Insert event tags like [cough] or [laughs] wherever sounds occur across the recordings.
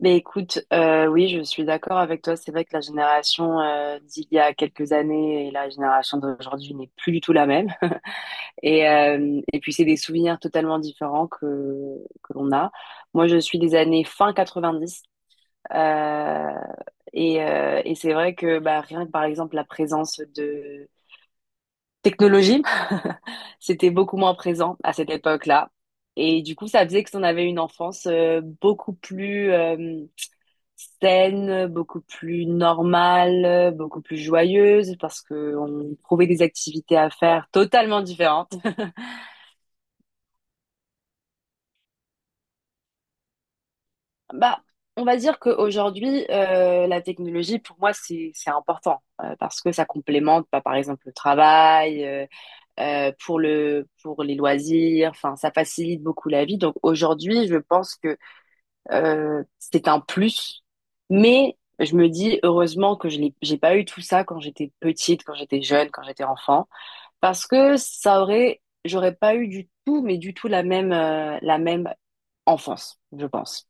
Mais écoute, oui, je suis d'accord avec toi. C'est vrai que la génération d'il y a quelques années et la génération d'aujourd'hui n'est plus du tout la même. [laughs] Et puis, c'est des souvenirs totalement différents que l'on a. Moi, je suis des années fin 90. euh, et c'est vrai que bah, rien que, par exemple, la présence de technologie, [laughs] c'était beaucoup moins présent à cette époque-là. Et du coup, ça faisait que si on avait une enfance beaucoup plus saine, beaucoup plus normale, beaucoup plus joyeuse parce que on trouvait des activités à faire totalement différentes. Bah, on va dire qu'aujourd'hui, la technologie, pour moi, c'est important parce que ça complémente, bah, par exemple, le travail, pour les loisirs. Enfin, ça facilite beaucoup la vie. Donc aujourd'hui, je pense que c'est un plus, mais je me dis heureusement que je l'ai j'ai pas eu tout ça quand j'étais petite, quand j'étais jeune, quand j'étais enfant. Parce que j'aurais pas eu du tout, mais du tout la même enfance, je pense.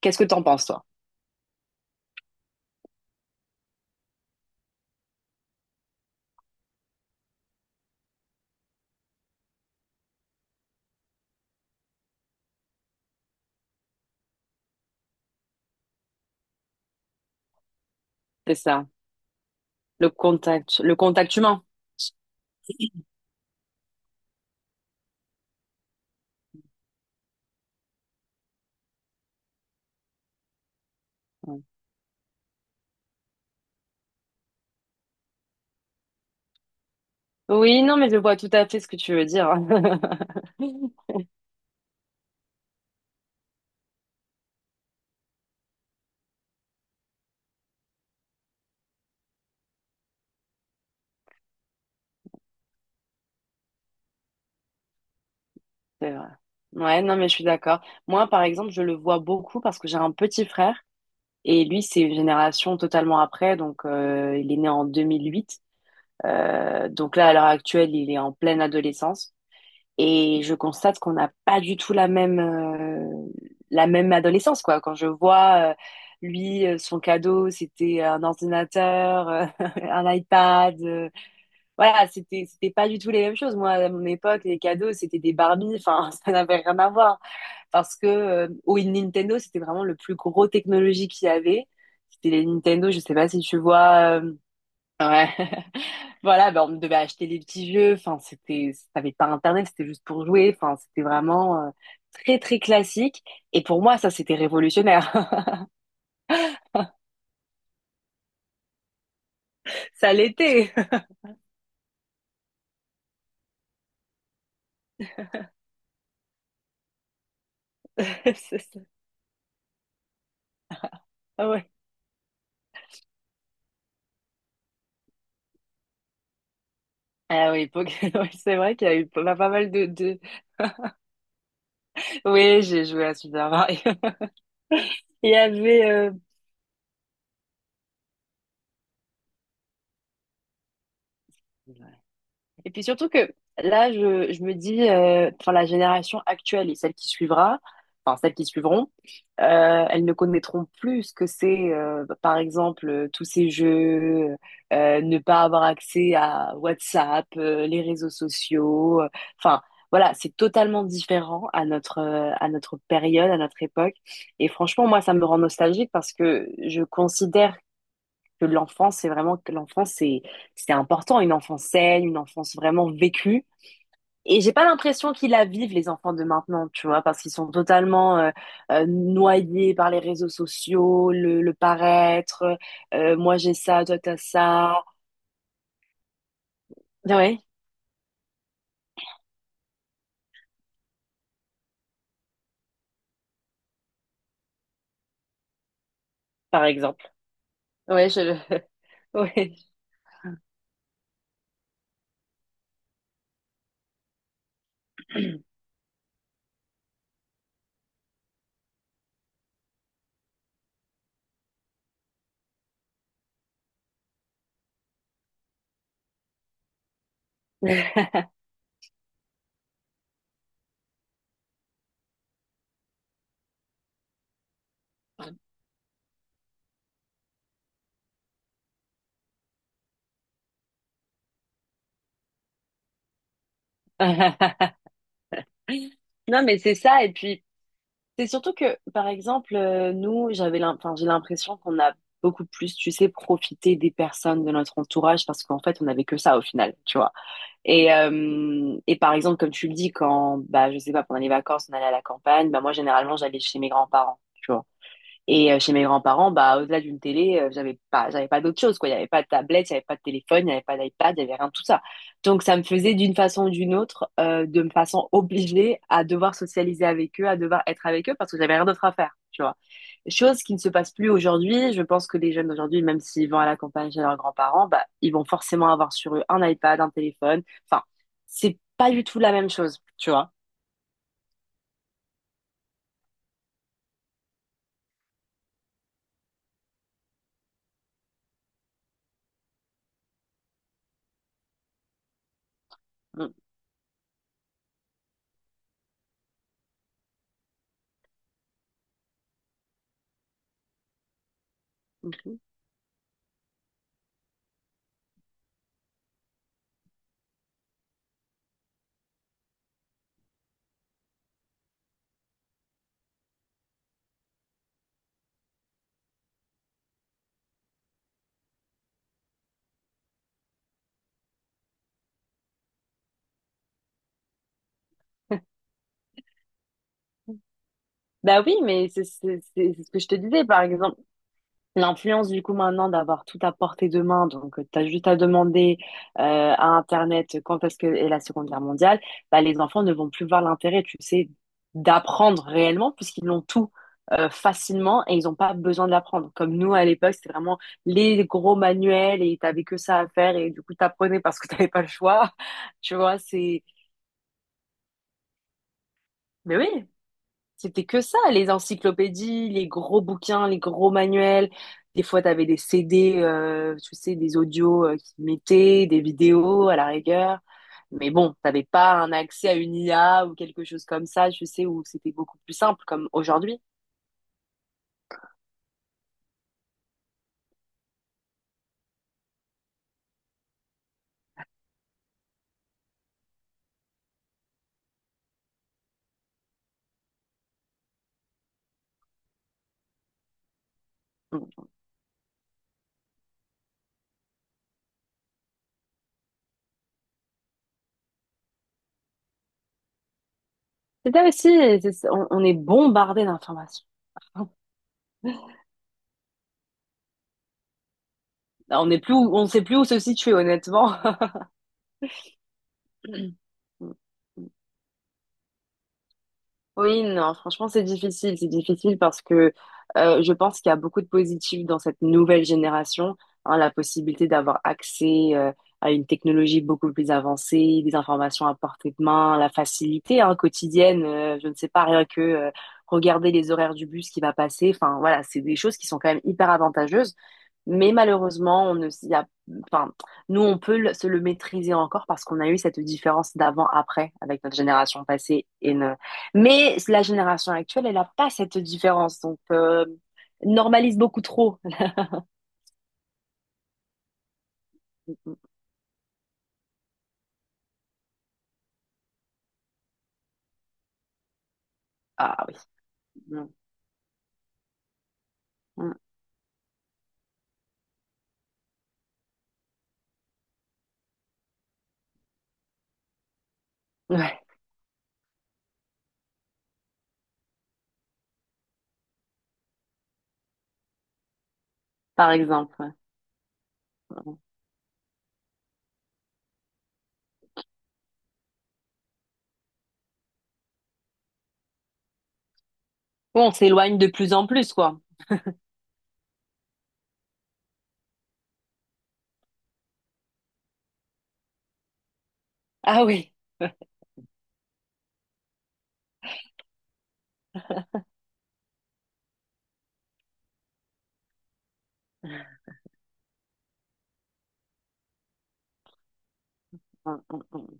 Qu'est-ce que t'en penses, toi? C'est ça, le contact humain. Ouais. Oui, non, mais je vois tout à fait ce que tu veux dire. [laughs] C'est vrai. Ouais, non, mais je suis d'accord. Moi, par exemple, je le vois beaucoup parce que j'ai un petit frère et lui, c'est une génération totalement après, donc il est né en 2008. Donc là, à l'heure actuelle, il est en pleine adolescence et je constate qu'on n'a pas du tout la même adolescence, quoi. Quand je vois, lui, son cadeau, c'était un ordinateur, [laughs] un iPad, voilà, c'était pas du tout les mêmes choses. Moi, à mon époque, les cadeaux, c'était des Barbies, enfin, [laughs] ça n'avait rien à voir. Parce que, au Nintendo, c'était vraiment le plus gros technologie qu'il y avait. C'était les Nintendo, je sais pas si tu vois, ouais. [laughs] Voilà, ben, on devait acheter les petits jeux. Enfin, t'avais pas Internet, c'était juste pour jouer. Enfin, c'était vraiment très très classique. Et pour moi, ça c'était révolutionnaire. [laughs] Ça l'était. [laughs] C'est ça. Ah ouais. Ah oui, [laughs] oui, c'est vrai qu'il y a eu pas mal de, de. Oui, j'ai joué à Super Mario. [laughs] Il y avait. Et puis surtout que là, je me dis, enfin, la génération actuelle et celle qui suivra, enfin, celles qui suivront, elles ne connaîtront plus ce que c'est, par exemple, tous ces jeux, ne pas avoir accès à WhatsApp, les réseaux sociaux. Enfin, voilà, c'est totalement différent à notre période, à notre époque. Et franchement, moi, ça me rend nostalgique parce que je considère que l'enfance, c'est important, une enfance saine, une enfance vraiment vécue. Et j'ai pas l'impression qu'ils la vivent les enfants de maintenant, tu vois, parce qu'ils sont totalement noyés par les réseaux sociaux, le paraître, moi j'ai ça, toi t'as ça. Ouais, par exemple. Ouais, je le. [laughs] Ouais. [laughs] Non, mais c'est ça. C'est surtout que, par exemple, nous, enfin, j'ai l'impression qu'on a beaucoup plus, tu sais, profité des personnes de notre entourage parce qu'en fait, on n'avait que ça au final, tu vois. Et par exemple, comme tu le dis, quand, bah, je sais pas, pendant les vacances, on allait à la campagne, bah, moi, généralement, j'allais chez mes grands-parents. Tu vois. Et chez mes grands-parents, bah, au-delà d'une télé, j'avais pas d'autre chose, quoi. Il n'y avait pas de tablette, il n'y avait pas de téléphone, il n'y avait pas d'iPad, il n'y avait rien de tout ça. Donc, ça me faisait d'une façon ou d'une autre, de me façon obligée à devoir socialiser avec eux, à devoir être avec eux parce que j'avais rien d'autre à faire, tu vois. Chose qui ne se passe plus aujourd'hui. Je pense que les jeunes d'aujourd'hui, même s'ils vont à la campagne chez leurs grands-parents, bah, ils vont forcément avoir sur eux un iPad, un téléphone. Enfin, c'est pas du tout la même chose, tu vois. Mm. Mm, mm. Bah oui, mais c'est ce que je te disais, par exemple. L'influence, du coup, maintenant, d'avoir tout à portée de main, donc tu as juste à demander euh, à Internet quand est-ce que est la Seconde Guerre mondiale, bah, les enfants ne vont plus voir l'intérêt, tu sais, d'apprendre réellement, puisqu'ils l'ont tout facilement et ils n'ont pas besoin de l'apprendre. Comme nous, à l'époque, c'était vraiment les gros manuels et tu que ça à faire et du coup, tu apprenais parce que tu n'avais pas le choix. [laughs] Tu vois, c'est. Mais oui. C'était que ça, les encyclopédies, les gros bouquins, les gros manuels. Des fois, tu avais des CD, tu sais, des audios qui mettaient, des vidéos à la rigueur. Mais bon, t'avais pas un accès à une IA ou quelque chose comme ça, je sais, où c'était beaucoup plus simple, comme aujourd'hui. C'était aussi, c'est- on est bombardé d'informations. On ne sait plus où se situer, honnêtement. [clears throat] [laughs] Mm. Oui, non, franchement, c'est difficile. C'est difficile parce que je pense qu'il y a beaucoup de positifs dans cette nouvelle génération. Hein, la possibilité d'avoir accès à une technologie beaucoup plus avancée, des informations à portée de main, la facilité hein, quotidienne. Je ne sais pas, rien que regarder les horaires du bus qui va passer. Enfin, voilà, c'est des choses qui sont quand même hyper avantageuses. Mais malheureusement, on ne s'y a... enfin, nous, on peut se le maîtriser encore parce qu'on a eu cette différence d'avant-après avec notre génération passée. Et ne... Mais la génération actuelle, elle n'a pas cette différence. Donc, normalise beaucoup trop. [laughs] Ah oui. Mm, mm. Ouais. Par exemple. Ouais. Bon, on s'éloigne de plus en plus, quoi. Ah oui. Mm, mm, mm.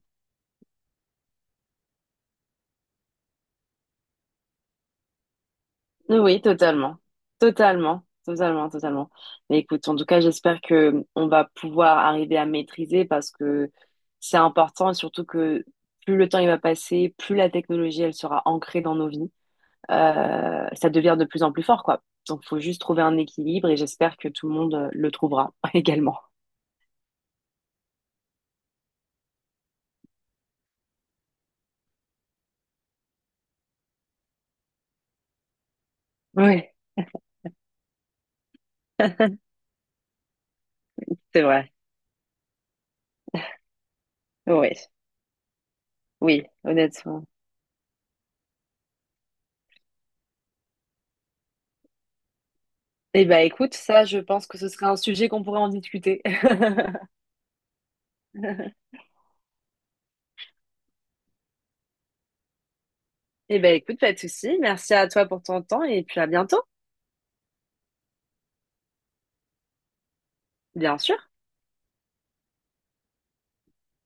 Oui, totalement. Totalement. Totalement, totalement. Mais écoute, en tout cas, j'espère que on va pouvoir arriver à maîtriser parce que c'est important et surtout que plus le temps il va passer, plus la technologie elle sera ancrée dans nos vies. Ça devient de plus en plus fort, quoi. Donc, faut juste trouver un équilibre et j'espère que tout le monde le trouvera [laughs] également. Oui, c'est vrai. Oui, oui, honnêtement. Eh ben, écoute, ça, je pense que ce serait un sujet qu'on pourrait en discuter. [laughs] Eh ben écoute, pas de souci. Merci à toi pour ton temps et puis à bientôt. Bien sûr.